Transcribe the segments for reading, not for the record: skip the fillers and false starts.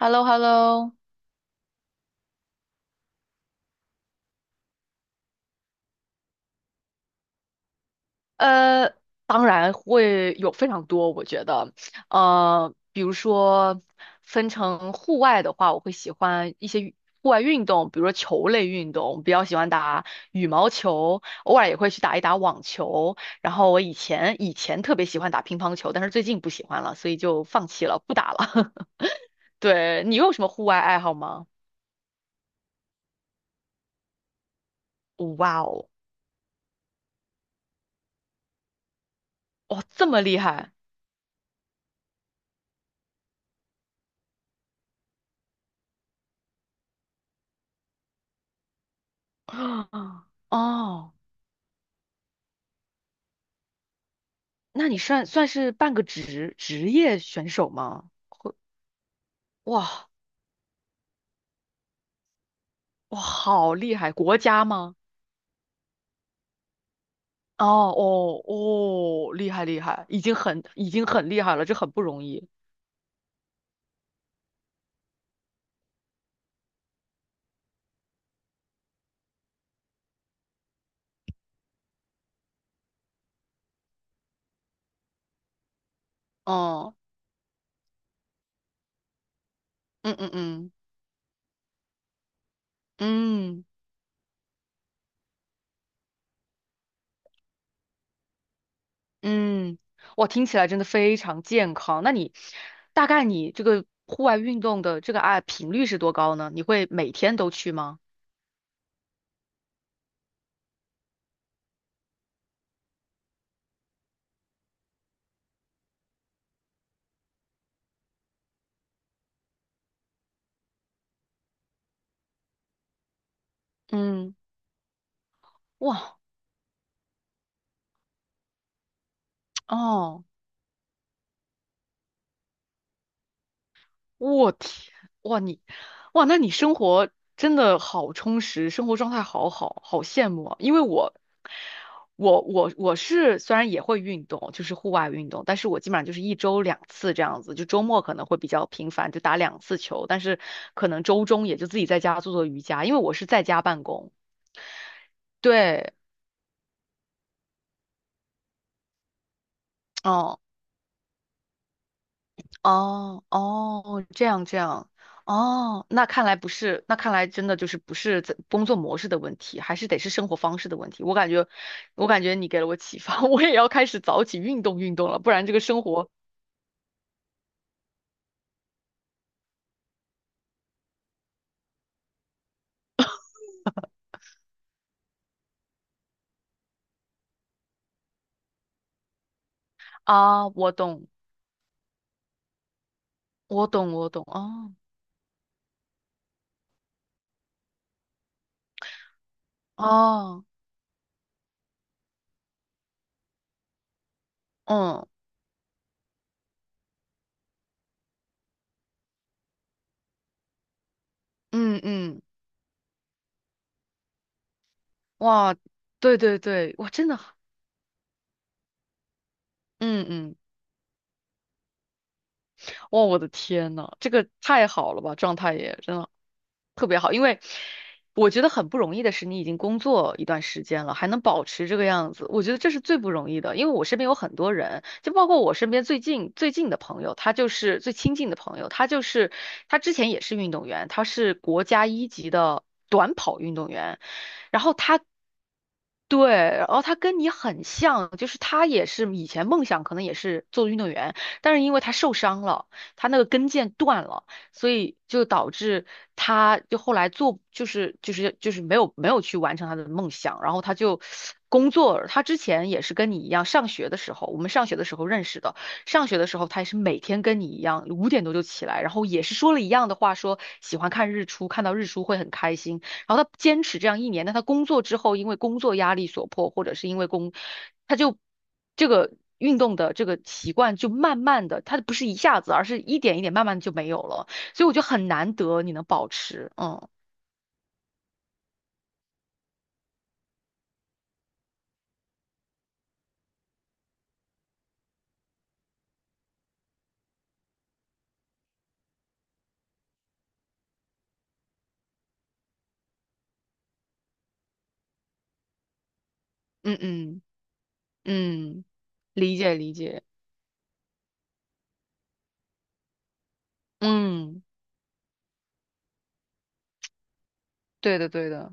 Hello Hello 呃，当然会有非常多，我觉得，比如说分成户外的话，我会喜欢一些户外运动，比如说球类运动，比较喜欢打羽毛球，偶尔也会去打一打网球。然后我以前特别喜欢打乒乓球，但是最近不喜欢了，所以就放弃了，不打了。对，你有什么户外爱好吗？哇哦，哇，这么厉害！哦，那你算是半个职业选手吗？会哇哇，好厉害！国家吗？哦哦哦，厉害厉害，已经很厉害了，这很不容易。哦，嗯嗯嗯嗯嗯，哇，听起来真的非常健康。那你大概你这个户外运动的这个频率是多高呢？你会每天都去吗？嗯，哇哦。我天，哇你，哇那你生活真的好充实，生活状态好好，好羡慕啊！因为我是虽然也会运动，就是户外运动，但是我基本上就是1周2次这样子，就周末可能会比较频繁，就打两次球，但是可能周中也就自己在家做做瑜伽，因为我是在家办公。对，嗯。哦哦，这样这样，哦，那看来不是，那看来真的就是不是在工作模式的问题，还是得是生活方式的问题。我感觉你给了我启发。我也要开始早起运动运动了，不然这个生活啊，我懂，我懂，我懂，哦哦，嗯嗯嗯，哇，对对对，哇，真的，嗯嗯，哇，我的天呐，这个太好了吧，状态也真的。特别好，因为我觉得很不容易的是，你已经工作一段时间了，还能保持这个样子，我觉得这是最不容易的。因为我身边有很多人，就包括我身边最近的朋友，他就是最亲近的朋友，他之前也是运动员，他是国家一级的短跑运动员。然后他对，然后他跟你很像，就是他也是以前梦想可能也是做运动员，但是因为他受伤了，他那个跟腱断了，所以就导致他就后来没有去完成他的梦想，然后他就工作，他之前也是跟你一样，上学的时候，我们上学的时候认识的，上学的时候他也是每天跟你一样，5点多就起来，然后也是说了一样的话，说喜欢看日出，看到日出会很开心。然后他坚持这样1年，但他工作之后，因为工作压力所迫，或者是因为工，他就这个运动的这个习惯就慢慢的，他不是一下子，而是一点一点慢慢地就没有了。所以我觉得很难得你能保持，嗯嗯嗯嗯，理解理解，嗯，对的对的，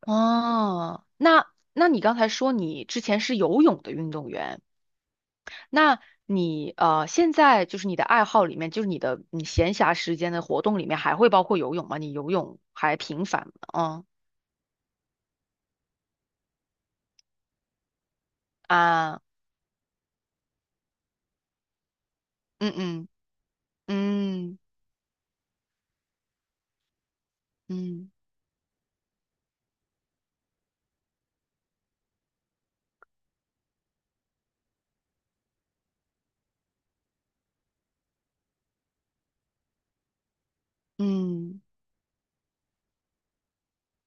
哦，那你刚才说你之前是游泳的运动员。那你现在就是你的爱好里面，就是你闲暇时间的活动里面，还会包括游泳吗？你游泳还频繁吗？嗯啊，嗯嗯嗯嗯嗯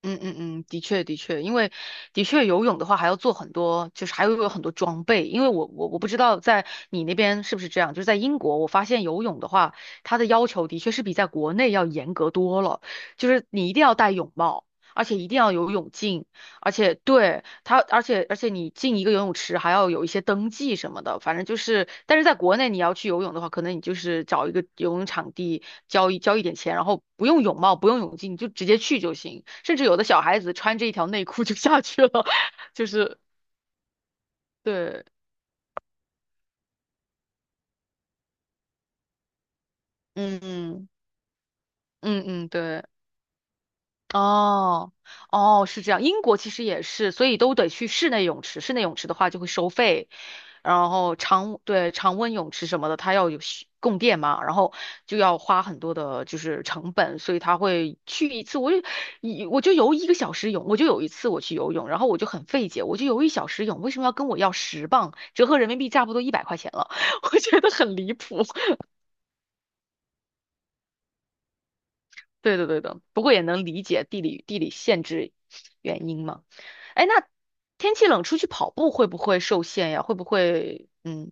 嗯嗯嗯，的确的确，因为的确游泳的话还要做很多，就是还会有很多装备，因为我不知道在你那边是不是这样，就是在英国，我发现游泳的话，它的要求的确是比在国内要严格多了，就是你一定要戴泳帽，而且一定要有泳镜。而且对他，而且而且你进一个游泳池还要有一些登记什么的，反正就是，但是在国内你要去游泳的话，可能你就是找一个游泳场地，交一交一点钱，然后不用泳帽，不用泳镜，你就直接去就行。甚至有的小孩子穿着一条内裤就下去了。就是对，嗯嗯，嗯嗯对。哦，哦，是这样。英国其实也是，所以都得去室内泳池。室内泳池的话就会收费，然后对，常温泳池什么的，它要有需供电嘛，然后就要花很多的就是成本，所以他会去一次，我就游1个小时泳，我就有一次我去游泳，然后我就很费解，我就游1小时泳，为什么要跟我要10磅，折合人民币差不多100块钱了。我觉得很离谱。对的，对的，不过也能理解地理限制原因嘛。哎，那天气冷出去跑步会不会受限呀？会不会嗯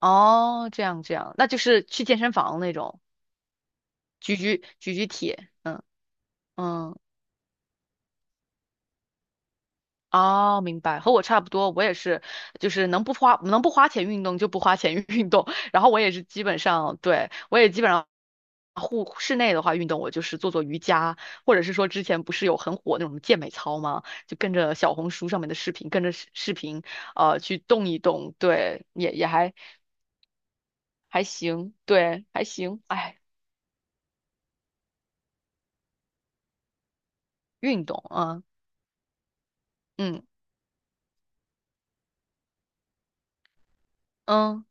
哦，这样这样，那就是去健身房那种举铁，嗯嗯哦，明白，和我差不多，我也是，就是能不花钱运动就不花钱 运动，然后我也是基本上，对，我也基本上室内的话运动，我就是做做瑜伽，或者是说之前不是有很火那种健美操吗？就跟着小红书上面的视频，跟着视频，去动一动，对，也还行，对，还行，哎，运动啊，嗯嗯嗯。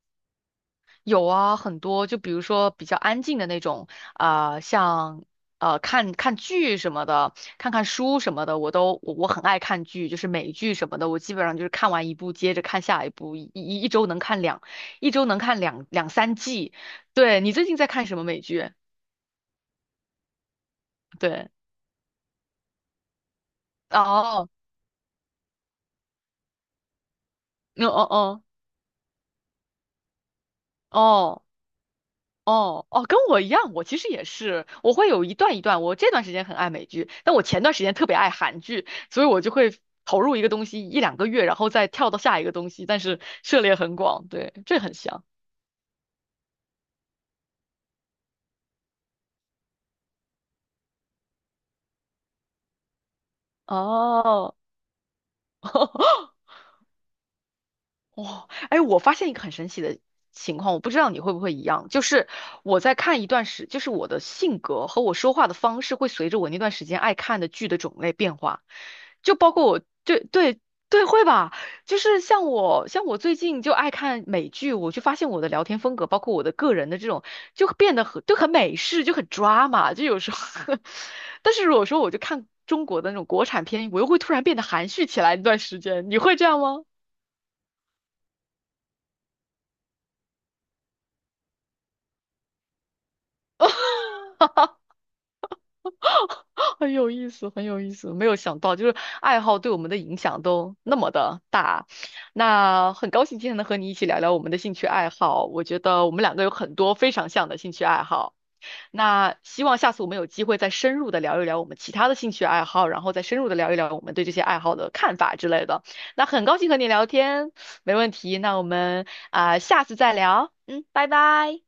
有啊，很多，就比如说比较安静的那种，啊、像看看剧什么的，看看书什么的，我都我我很爱看剧，就是美剧什么的，我基本上就是看完一部接着看下一部，一周能看两三季。对，你最近在看什么美剧？对，哦，嗯哦哦哦。哦哦，跟我一样，我其实也是，我会有一段一段。我这段时间很爱美剧，但我前段时间特别爱韩剧，所以我就会投入一个东西一两个月，然后再跳到下一个东西，但是涉猎很广，对，这很像。哦，哇，哎，我发现一个很神奇的情况，我不知道你会不会一样，就是我在看一段时，就是我的性格和我说话的方式会随着我那段时间爱看的剧的种类变化，就包括我，对对对，会吧，就是像我最近就爱看美剧，我就发现我的聊天风格，包括我的个人的这种，就变得很美式，就很 drama，就有时候。但是如果说我就看中国的那种国产片，我又会突然变得含蓄起来一段时间，你会这样吗？很有意思，很有意思，没有想到，就是爱好对我们的影响都那么的大。那很高兴今天能和你一起聊聊我们的兴趣爱好，我觉得我们两个有很多非常像的兴趣爱好。那希望下次我们有机会再深入的聊一聊我们其他的兴趣爱好，然后再深入的聊一聊我们对这些爱好的看法之类的。那很高兴和你聊天，没问题。那我们啊、下次再聊，嗯，拜拜。